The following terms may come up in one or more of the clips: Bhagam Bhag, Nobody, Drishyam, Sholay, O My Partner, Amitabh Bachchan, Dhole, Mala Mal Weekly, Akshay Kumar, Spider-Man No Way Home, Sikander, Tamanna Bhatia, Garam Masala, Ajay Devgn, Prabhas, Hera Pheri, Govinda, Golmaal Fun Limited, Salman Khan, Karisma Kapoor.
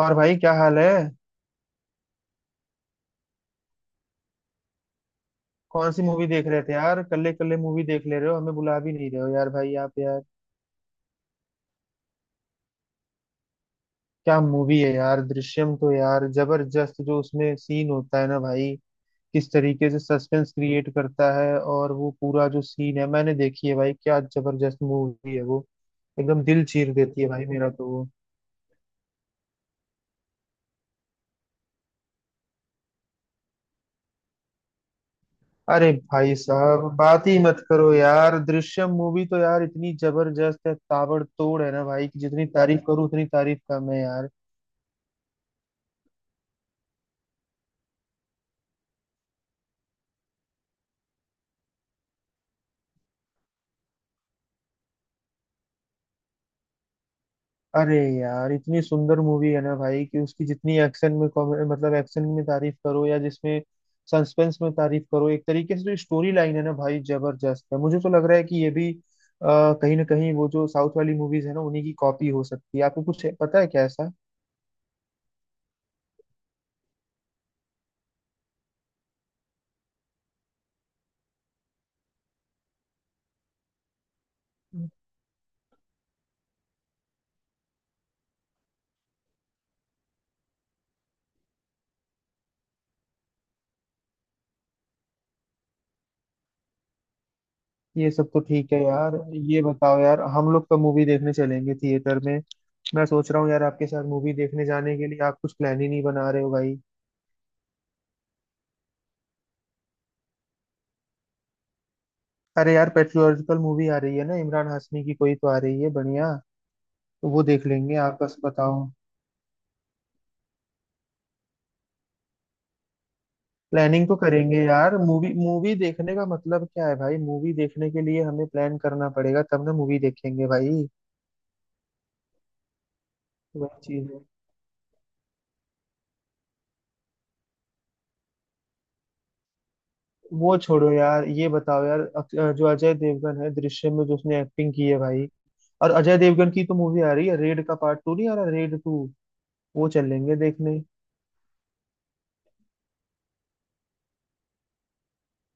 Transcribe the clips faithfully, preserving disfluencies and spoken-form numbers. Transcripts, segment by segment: और भाई क्या हाल है। कौन सी मूवी देख रहे थे यार। कल्ले कल्ले मूवी देख ले रहे हो हमें बुला भी नहीं रहे हो यार भाई आप यार। क्या मूवी है यार दृश्यम तो यार जबरदस्त। जो उसमें सीन होता है ना भाई किस तरीके से सस्पेंस क्रिएट करता है और वो पूरा जो सीन है मैंने देखी है भाई। क्या जबरदस्त मूवी है वो। एकदम दिल चीर देती है भाई मेरा तो वो। अरे भाई साहब बात ही मत करो यार। दृश्यम मूवी तो यार इतनी जबरदस्त है ताबड़तोड़ है ना भाई कि जितनी तारीफ करूं उतनी तारीफ कम है यार। अरे यार इतनी सुंदर मूवी है ना भाई कि उसकी जितनी एक्शन में कॉमे- मतलब एक्शन में तारीफ करो या जिसमें सस्पेंस में तारीफ करो। एक तरीके से जो स्टोरी लाइन है ना भाई जबरदस्त है। मुझे तो लग रहा है कि ये भी अ, कहीं ना कहीं वो जो साउथ वाली मूवीज है ना उन्हीं की कॉपी हो सकती है। आपको कुछ है- पता है क्या ऐसा। ये सब तो ठीक है यार। ये बताओ यार हम लोग कब मूवी देखने चलेंगे थिएटर में। मैं सोच रहा हूँ यार आपके साथ मूवी देखने जाने के लिए आप कुछ प्लान ही नहीं बना रहे हो भाई। अरे यार पेट्रियोटिकल मूवी आ रही है ना इमरान हाशमी की कोई तो आ रही है बढ़िया। तो वो देख लेंगे आपस बताओ। प्लानिंग तो करेंगे यार। मूवी मूवी देखने का मतलब क्या है भाई। मूवी देखने के लिए हमें प्लान करना पड़ेगा तब ना मूवी देखेंगे भाई। वही चीज है। वो छोड़ो यार। ये बताओ यार अक- जो अजय देवगन है दृश्यम में जो उसने एक्टिंग की है भाई। और अजय देवगन की तो मूवी आ रही है रेड का पार्ट टू। नहीं आ रहा रेड टू। वो चलेंगे देखने।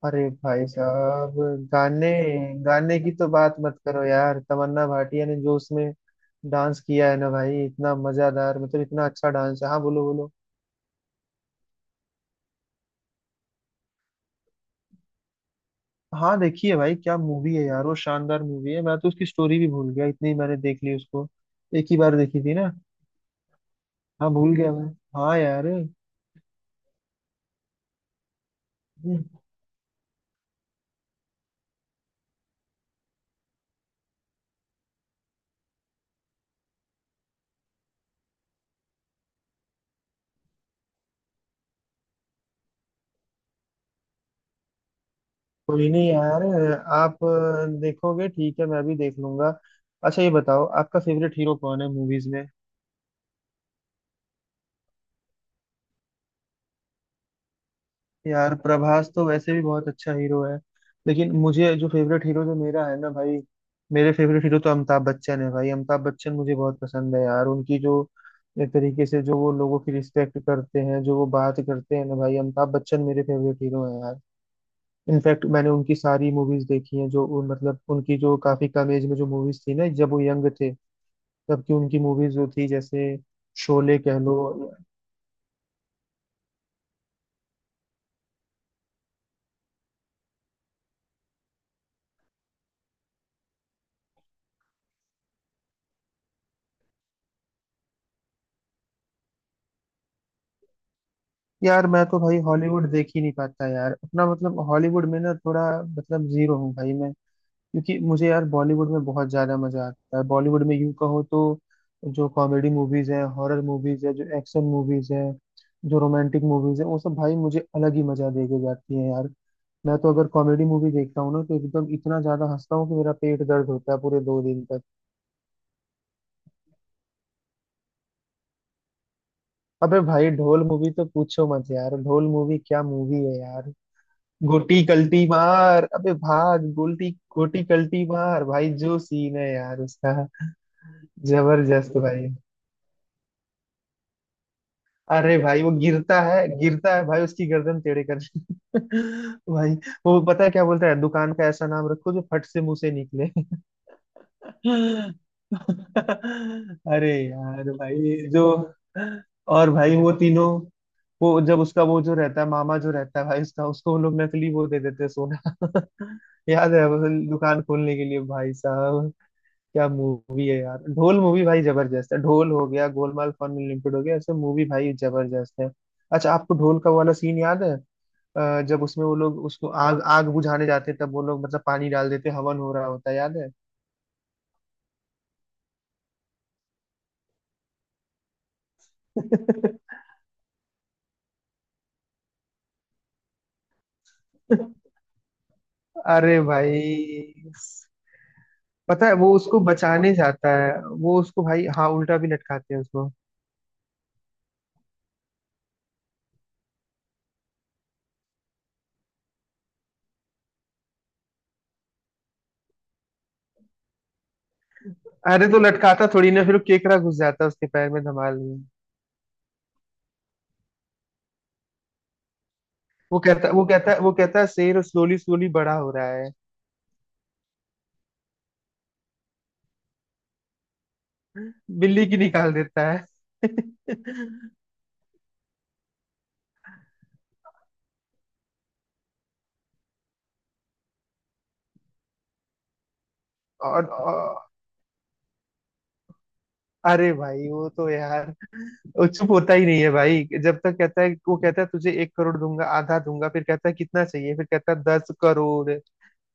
अरे भाई साहब गाने गाने की तो बात मत करो यार। तमन्ना भाटिया ने जो उसमें डांस किया है ना भाई इतना मजेदार मतलब इतना अच्छा डांस है। हाँ बोलो बोलो। हाँ देखिए भाई क्या मूवी है यार। वो शानदार मूवी है। मैं तो उसकी स्टोरी भी भूल गया इतनी मैंने देख ली उसको। एक ही बार देखी थी ना। हाँ भूल गया मैं। हाँ यार। कोई नहीं यार। आप अ, देखोगे ठीक है मैं भी देख लूंगा। अच्छा ये बताओ आपका फेवरेट हीरो कौन है मूवीज में। यार प्रभास तो वैसे भी बहुत अच्छा हीरो है। लेकिन मुझे जो फेवरेट हीरो जो मेरा है ना भाई मेरे फेवरेट हीरो तो अमिताभ बच्चन है भाई। अमिताभ बच्चन मुझे बहुत पसंद है यार। उनकी जो एक तरीके से जो वो लोगों की रिस्पेक्ट करते हैं जो वो बात करते हैं ना भाई अमिताभ बच्चन मेरे फेवरेट हीरो हैं यार। इनफैक्ट मैंने उनकी सारी मूवीज देखी हैं जो उन मतलब उनकी जो काफी कम एज में जो मूवीज थी ना जब वो यंग थे तब की उनकी मूवीज जो थी जैसे शोले कह लो। यार मैं तो भाई हॉलीवुड देख ही नहीं पाता यार। अपना मतलब हॉलीवुड में ना थोड़ा मतलब जीरो हूँ भाई मैं। क्योंकि मुझे यार बॉलीवुड में बहुत ज्यादा मजा आता है। बॉलीवुड में यूं कहो तो जो कॉमेडी मूवीज है हॉरर मूवीज है जो एक्शन मूवीज है जो रोमांटिक मूवीज है वो सब भाई मुझे अलग ही मजा दे के जाती है यार। मैं तो अगर कॉमेडी मूवी देखता हूँ ना तो एकदम इतना ज्यादा हंसता हूँ कि मेरा पेट दर्द होता है पूरे दो दिन तक। अबे भाई ढोल मूवी तो पूछो मत यार। ढोल मूवी क्या मूवी है यार। गोटी कल्टी मार अबे भाग गोल्टी। गोटी कल्टी मार भाई जो सीन है यार उसका। जबरदस्त भाई। अरे भाई वो गिरता है गिरता है भाई उसकी गर्दन टेढ़े कर भाई। वो पता है क्या बोलता है। दुकान का ऐसा नाम रखो जो फट से मुंह से निकले। अरे यार भाई जो और भाई वो तीनों वो जब उसका वो जो रहता है मामा जो रहता है भाई उसका उसको वो लोग नकली वो दे देते हैं सोना याद है वो दुकान खोलने के लिए भाई साहब। क्या मूवी है यार ढोल मूवी भाई जबरदस्त है। ढोल हो गया गोलमाल फन लिमिटेड हो गया ऐसे मूवी भाई जबरदस्त है। अच्छा आपको ढोल का वो वाला सीन याद है अ, जब उसमें वो लोग उसको आग आग बुझाने जाते हैं, तब वो लोग मतलब पानी डाल देते हैं, हवन हो रहा होता है याद है। अरे भाई पता है वो उसको बचाने जाता है वो उसको भाई। हाँ उल्टा भी लटकाते हैं उसको। अरे तो लटकाता थोड़ी ना फिर वो केकड़ा घुस जाता है उसके पैर में धमाल में। वो कहता वो कहता वो कहता है शेर स्लोली स्लोली बड़ा हो रहा है। बिल्ली की निकाल देता है और, और अरे भाई वो तो यार वो चुप होता ही नहीं है भाई। जब तक कहता है वो कहता है तुझे एक करोड़ दूंगा आधा दूंगा फिर कहता है कितना चाहिए फिर कहता है दस करोड़।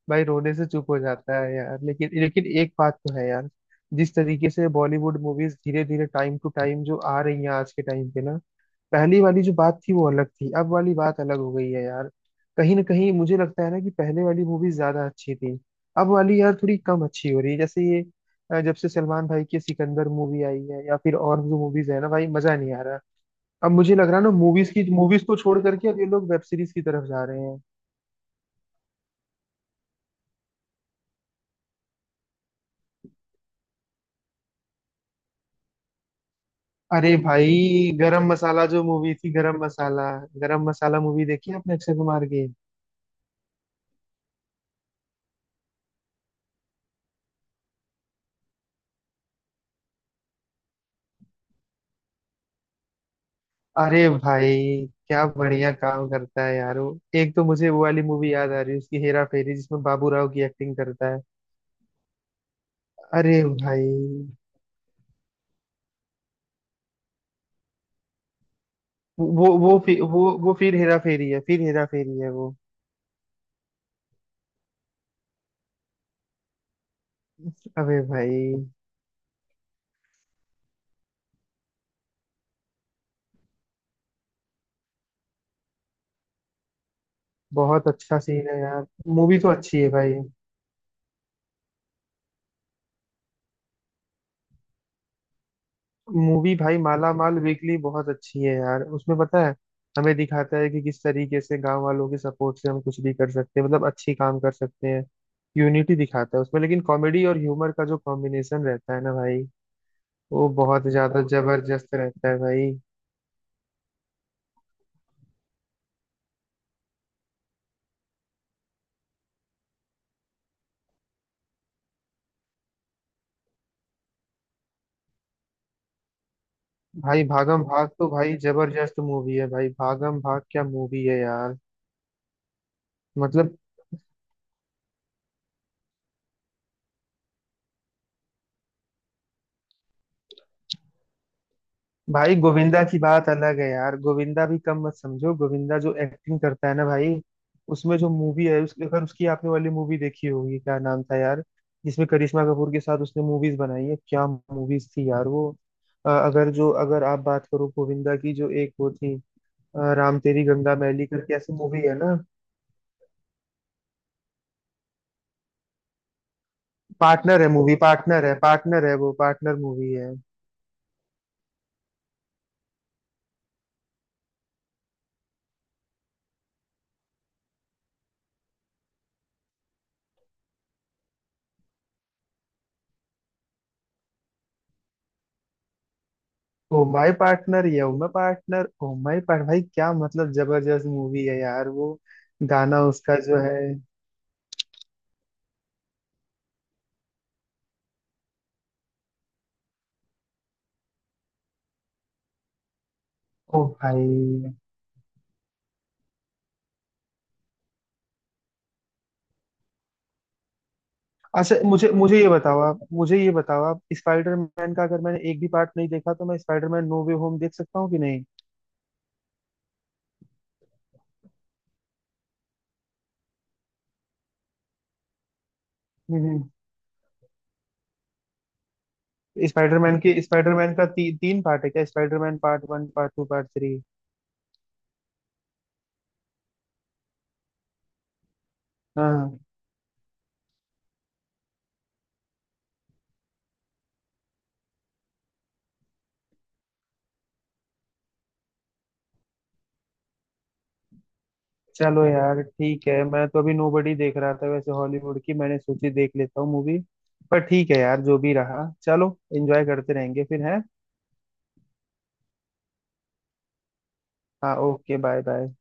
भाई रोने से चुप हो जाता है यार। लेकिन लेकिन एक बात तो है यार। जिस तरीके से बॉलीवुड मूवीज धीरे धीरे टाइम टू टाइम जो आ रही हैं आज के टाइम पे ना पहली वाली जो बात थी वो अलग थी अब वाली बात अलग हो गई है यार। कहीं ना कहीं मुझे लगता है ना कि पहले वाली मूवी ज्यादा अच्छी थी अब वाली यार थोड़ी कम अच्छी हो रही है। जैसे ये अ, जब से सलमान भाई की सिकंदर मूवी आई है या फिर और जो मूवीज है ना भाई मजा नहीं आ रहा। अब मुझे लग रहा है ना मूवीज की मूवीज को छोड़ करके अब ये लोग वेब सीरीज की तरफ जा रहे हैं। अरे भाई गरम मसाला जो मूवी थी गरम मसाला गरम मसाला मूवी देखी है आपने अक्षय कुमार की। अरे भाई क्या बढ़िया काम करता है यार वो। एक तो मुझे वो वाली मूवी याद आ रही है उसकी हेरा फेरी जिसमें बाबू राव की एक्टिंग करता है। अरे भाई वो वो फिर वो वो फिर हेरा फेरी है फिर हेरा फेरी है वो। अबे भाई बहुत अच्छा सीन है यार। मूवी तो अच्छी है भाई। मूवी भाई माला माल वीकली बहुत अच्छी है यार। उसमें पता है हमें दिखाता है कि किस तरीके से गांव वालों के सपोर्ट से हम कुछ भी कर सकते हैं मतलब अच्छी काम कर सकते हैं। यूनिटी दिखाता है उसमें लेकिन कॉमेडी और ह्यूमर का जो कॉम्बिनेशन रहता है ना भाई वो बहुत ज्यादा जबरदस्त रहता है भाई। भाई भागम भाग तो भाई जबरदस्त मूवी है। भाई भागम भाग क्या मूवी है यार मतलब। भाई गोविंदा की बात अलग है यार। गोविंदा भी कम मत समझो गोविंदा जो एक्टिंग करता है ना भाई उसमें जो मूवी है। उसके अगर उसकी आपने वाली मूवी देखी होगी क्या नाम था यार जिसमें करिश्मा कपूर के साथ उसने मूवीज बनाई है। क्या मूवीज थी यार वो। अ, अगर जो अगर आप बात करो गोविंदा की जो एक वो थी अ, राम तेरी गंगा मैली करके ऐसी मूवी है ना। पार्टनर है मूवी पार्टनर है पार्टनर है वो पार्टनर मूवी है। ओ माय पार्टनर या oh my partner oh my part भाई क्या मतलब जबरदस्त मूवी है यार वो। गाना उसका जो है। ओ भाई अच्छा मुझे मुझे ये बताओ आप मुझे ये बताओ आप स्पाइडरमैन का अगर मैंने एक भी पार्ट नहीं देखा तो मैं स्पाइडरमैन नो वे होम देख सकता हूँ कि नहीं। हम्म। स्पाइडरमैन के स्पाइडरमैन का ती, तीन पार्ट है क्या Spiderman part one part two part three. हाँ चलो यार ठीक है। मैं तो अभी नोबडी देख रहा था। वैसे हॉलीवुड की मैंने सोची देख लेता हूँ मूवी। पर ठीक है यार जो भी रहा चलो एंजॉय करते रहेंगे फिर है। हाँ ओके बाय बाय।